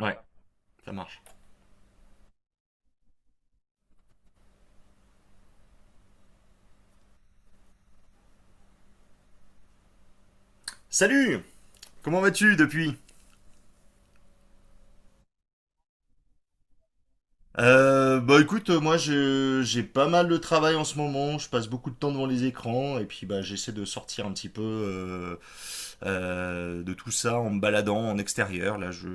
Ouais, ça marche. Salut. Comment vas-tu depuis? Bah écoute, moi, j'ai pas mal de travail en ce moment, je passe beaucoup de temps devant les écrans et puis bah j'essaie de sortir un petit peu de tout ça en me baladant en extérieur. Là, je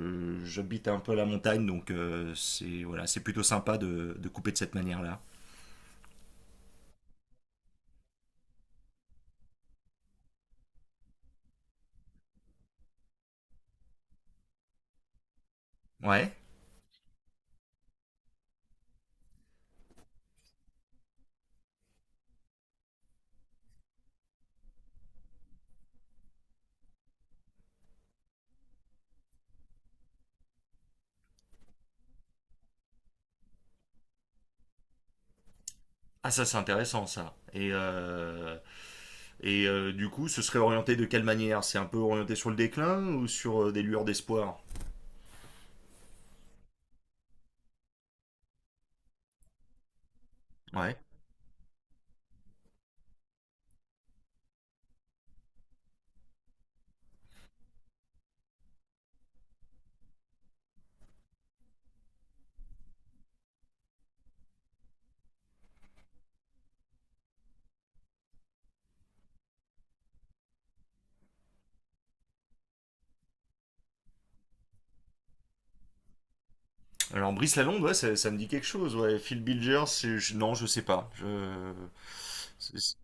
j'habite un peu à la montagne donc c'est voilà, c'est plutôt sympa de couper de cette manière-là. Ouais. Ah, ça c'est intéressant, ça. Et du coup, ce serait orienté de quelle manière? C'est un peu orienté sur le déclin ou sur des lueurs d'espoir? Ouais. Alors Brice Lalonde, ouais, ça me dit quelque chose. Ouais. Phil Bilger, non, je sais pas. C'est-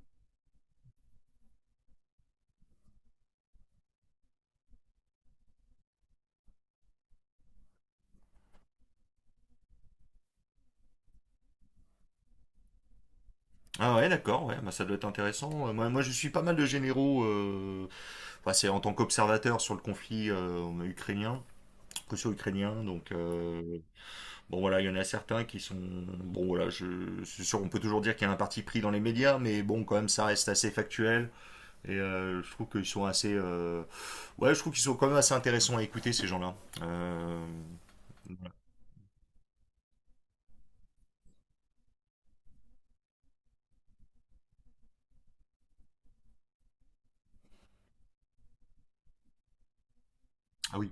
Ah ouais, d'accord, ouais, bah, ça doit être intéressant. Moi, moi, je suis pas mal de généraux, enfin, c'est en tant qu'observateur sur le conflit ukrainien, russo-ukrainien. Donc, bon voilà, il y en a certains qui sont. Bon voilà, c'est sûr, on peut toujours dire qu'il y a un parti pris dans les médias, mais bon, quand même, ça reste assez factuel. Et je trouve qu'ils sont assez. Ouais, je trouve qu'ils sont quand même assez intéressants à écouter, ces gens-là. Euh, Ah oui.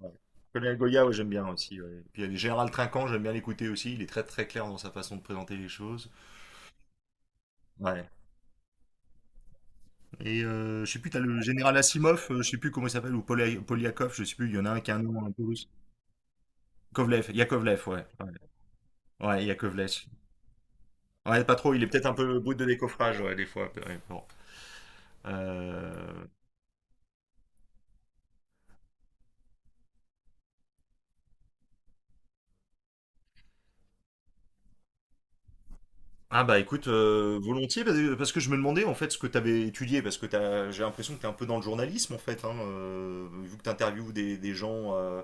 Ouais. Colonel Goya, ouais, j'aime bien aussi. Ouais. Puis il y a Général Trinquant, j'aime bien l'écouter aussi. Il est très très clair dans sa façon de présenter les choses. Ouais. Et je sais plus, t'as le général Asimov, je sais plus comment il s'appelle, ou Polyakov, je sais plus, il y en a un qui a un nom un peu russe. Kovlev, Yakovlev, ouais. Ouais, ouais, Yakovlev. Ouais, pas trop, il est peut-être un peu brut de décoffrage, ouais, des fois. Ouais, bon. Euh, Ah, bah écoute, volontiers, parce que je me demandais en fait ce que tu avais étudié, parce que j'ai l'impression que tu es un peu dans le journalisme en fait, hein, vu que tu interviews des gens, euh,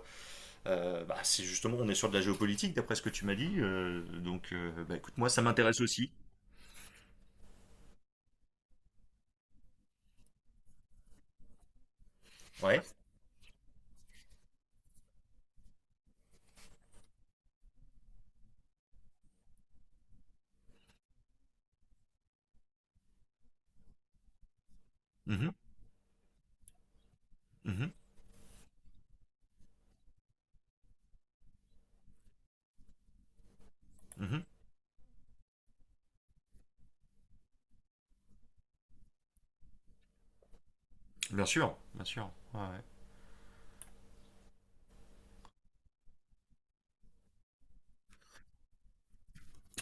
euh, bah, c'est justement, on est sur de la géopolitique d'après ce que tu m'as dit, donc bah écoute, moi ça m'intéresse aussi. Ouais. Mhm, mhm, mhm. Bien sûr, bien sûr. Ouais. Ouais.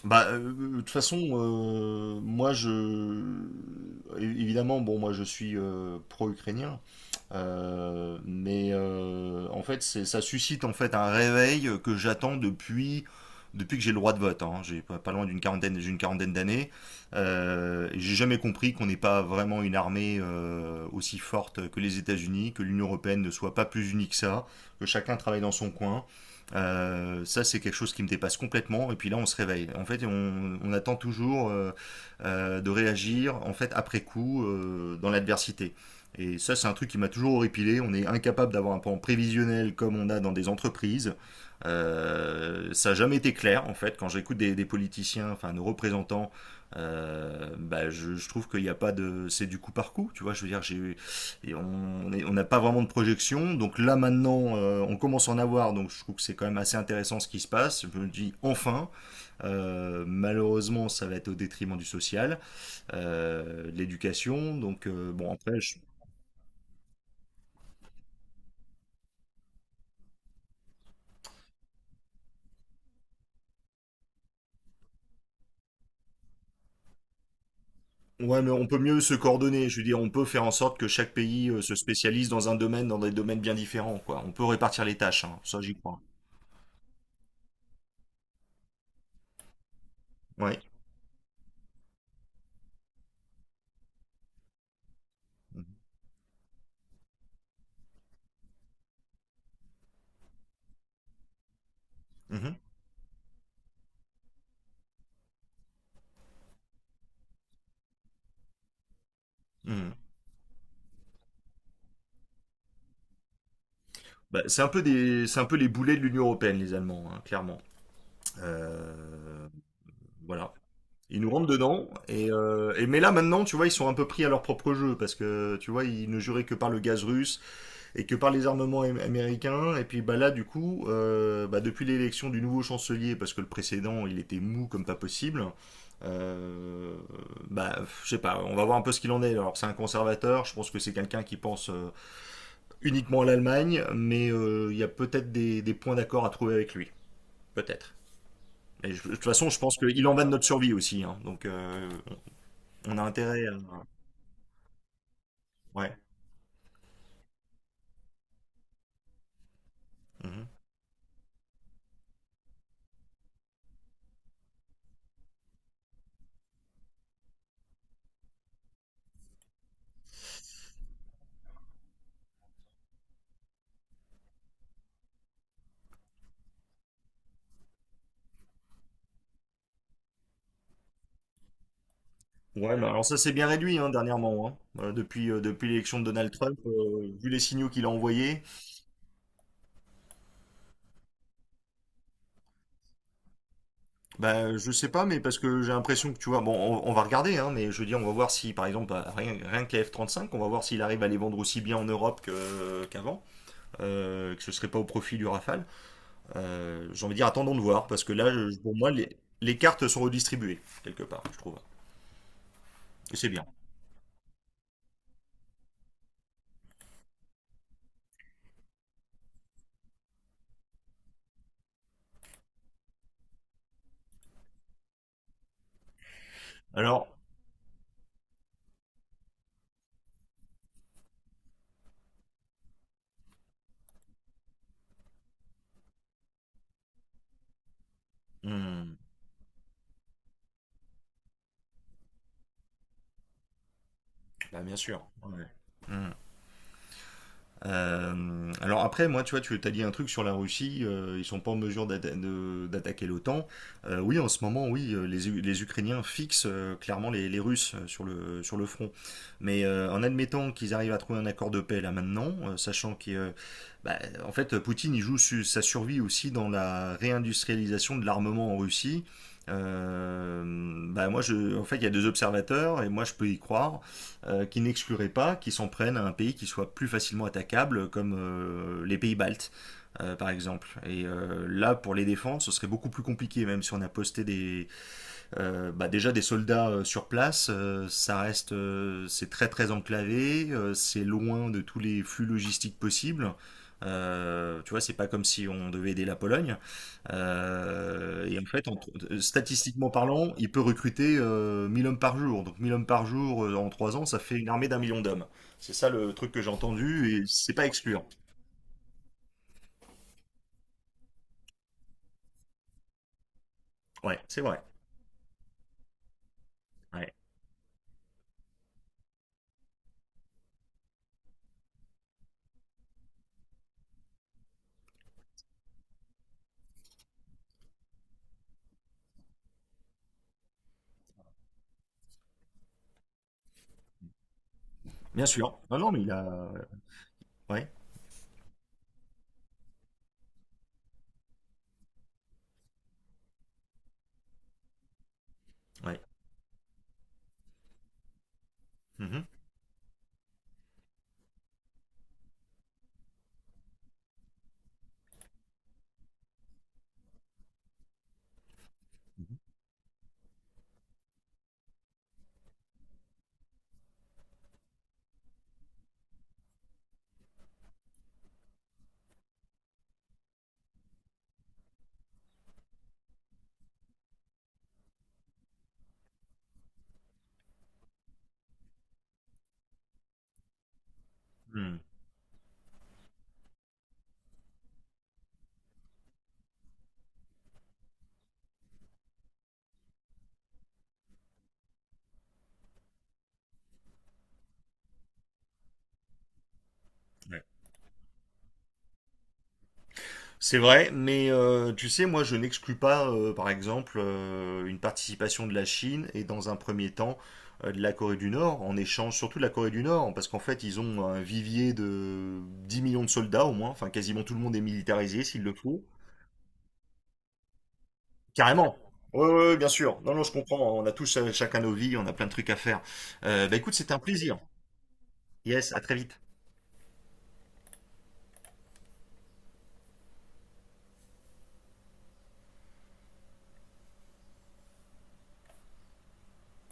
Bah, de toute façon, moi, Évidemment, bon, moi, je suis pro-ukrainien, mais en fait, ça suscite en fait un réveil que j'attends depuis que j'ai le droit de vote. Hein. J'ai pas loin d'une quarantaine, j'ai une quarantaine d'années. Et j'ai jamais compris qu'on n'ait pas vraiment une armée aussi forte que les États-Unis, que l'Union européenne ne soit pas plus unie que ça, que chacun travaille dans son coin. Ça, c'est quelque chose qui me dépasse complètement. Et puis là, on se réveille. En fait, on attend toujours de réagir, en fait, après coup, dans l'adversité. Et ça, c'est un truc qui m'a toujours horripilé. On est incapable d'avoir un plan prévisionnel comme on a dans des entreprises. Ça n'a jamais été clair, en fait. Quand j'écoute des politiciens, enfin nos représentants, bah, je trouve qu'il n'y a pas de. C'est du coup par coup, tu vois. Je veux dire, j'ai et on n'a pas vraiment de projection. Donc là maintenant, on commence à en avoir. Donc je trouve que c'est quand même assez intéressant ce qui se passe. Je me dis enfin, malheureusement, ça va être au détriment du social, de l'éducation. Donc bon, après, ouais, mais on peut mieux se coordonner. Je veux dire, on peut faire en sorte que chaque pays se spécialise dans un domaine, dans des domaines bien différents, quoi. On peut répartir les tâches. Hein. Ça, j'y crois. Ouais. Mhm. Mhm. Bah, c'est un peu les boulets de l'Union européenne, les Allemands, hein, clairement. Euh, voilà. Ils nous rentrent dedans. Et mais là maintenant, tu vois, ils sont un peu pris à leur propre jeu parce que tu vois, ils ne juraient que par le gaz russe et que par les armements américains. Et puis bah là, du coup, bah, depuis l'élection du nouveau chancelier, parce que le précédent, il était mou comme pas possible. Euh, Bah, je sais pas, on va voir un peu ce qu'il en est. Alors, c'est un conservateur, je pense que c'est quelqu'un qui pense uniquement à l'Allemagne, mais il y a peut-être des points d'accord à trouver avec lui. Peut-être. Et de toute façon, je pense qu'il en va de notre survie aussi, hein. Donc on a intérêt à. Ouais. Mhm. Ouais, mais alors ça s'est bien réduit, hein, dernièrement. Hein. Depuis l'élection de Donald Trump, vu les signaux qu'il a envoyés, bah, je sais pas, mais parce que j'ai l'impression que tu vois, bon, on va regarder, hein, mais je veux dire, on va voir si, par exemple, bah, rien que les F-35, on va voir s'il arrive à les vendre aussi bien en Europe qu'avant, que ce serait pas au profit du Rafale. J'ai envie de dire, attendons de voir, parce que là, pour moi, les cartes sont redistribuées, quelque part, je trouve. Et c'est bien. Alors, hmm, bah, bien sûr. Ouais. Hmm. Alors après, moi, tu vois, tu as dit un truc sur la Russie, ils sont pas en mesure d'attaquer l'OTAN. Oui, en ce moment, oui, les Ukrainiens fixent clairement les Russes sur le front. Mais en admettant qu'ils arrivent à trouver un accord de paix là maintenant, sachant qu'il, bah, en fait, Poutine, il joue sa survie aussi dans la réindustrialisation de l'armement en Russie. Euh, Bah moi, en fait, il y a deux observateurs et moi, je peux y croire qui n'exclurait pas qu'ils s'en prennent à un pays qui soit plus facilement attaquable, comme les pays baltes, par exemple. Et là, pour les défendre, ce serait beaucoup plus compliqué, même si on a posté déjà des soldats sur place. Ça reste, c'est très très enclavé, c'est loin de tous les flux logistiques possibles. Tu vois, c'est pas comme si on devait aider la Pologne. Et en fait, statistiquement parlant, il peut recruter 1 000 hommes par jour. Donc 1 000 hommes par jour en 3 ans, ça fait une armée d'1 million d'hommes. C'est ça le truc que j'ai entendu et c'est pas excluant. Ouais, c'est vrai. Ouais. Bien sûr. Non, non, mais il a. Ouais, ouais. Mhm. Mhm. Mhm. Ouais. C'est vrai, mais tu sais, moi, je n'exclus pas, par exemple, une participation de la Chine et dans un premier temps de la Corée du Nord, en échange surtout de la Corée du Nord, parce qu'en fait, ils ont un vivier de 10 millions de soldats au moins, enfin, quasiment tout le monde est militarisé s'il le faut. Carrément. Oui, oui, bien sûr. Non, non, je comprends. On a tous chacun nos vies, on a plein de trucs à faire. Bah écoute, c'était un plaisir. Yes, à très vite.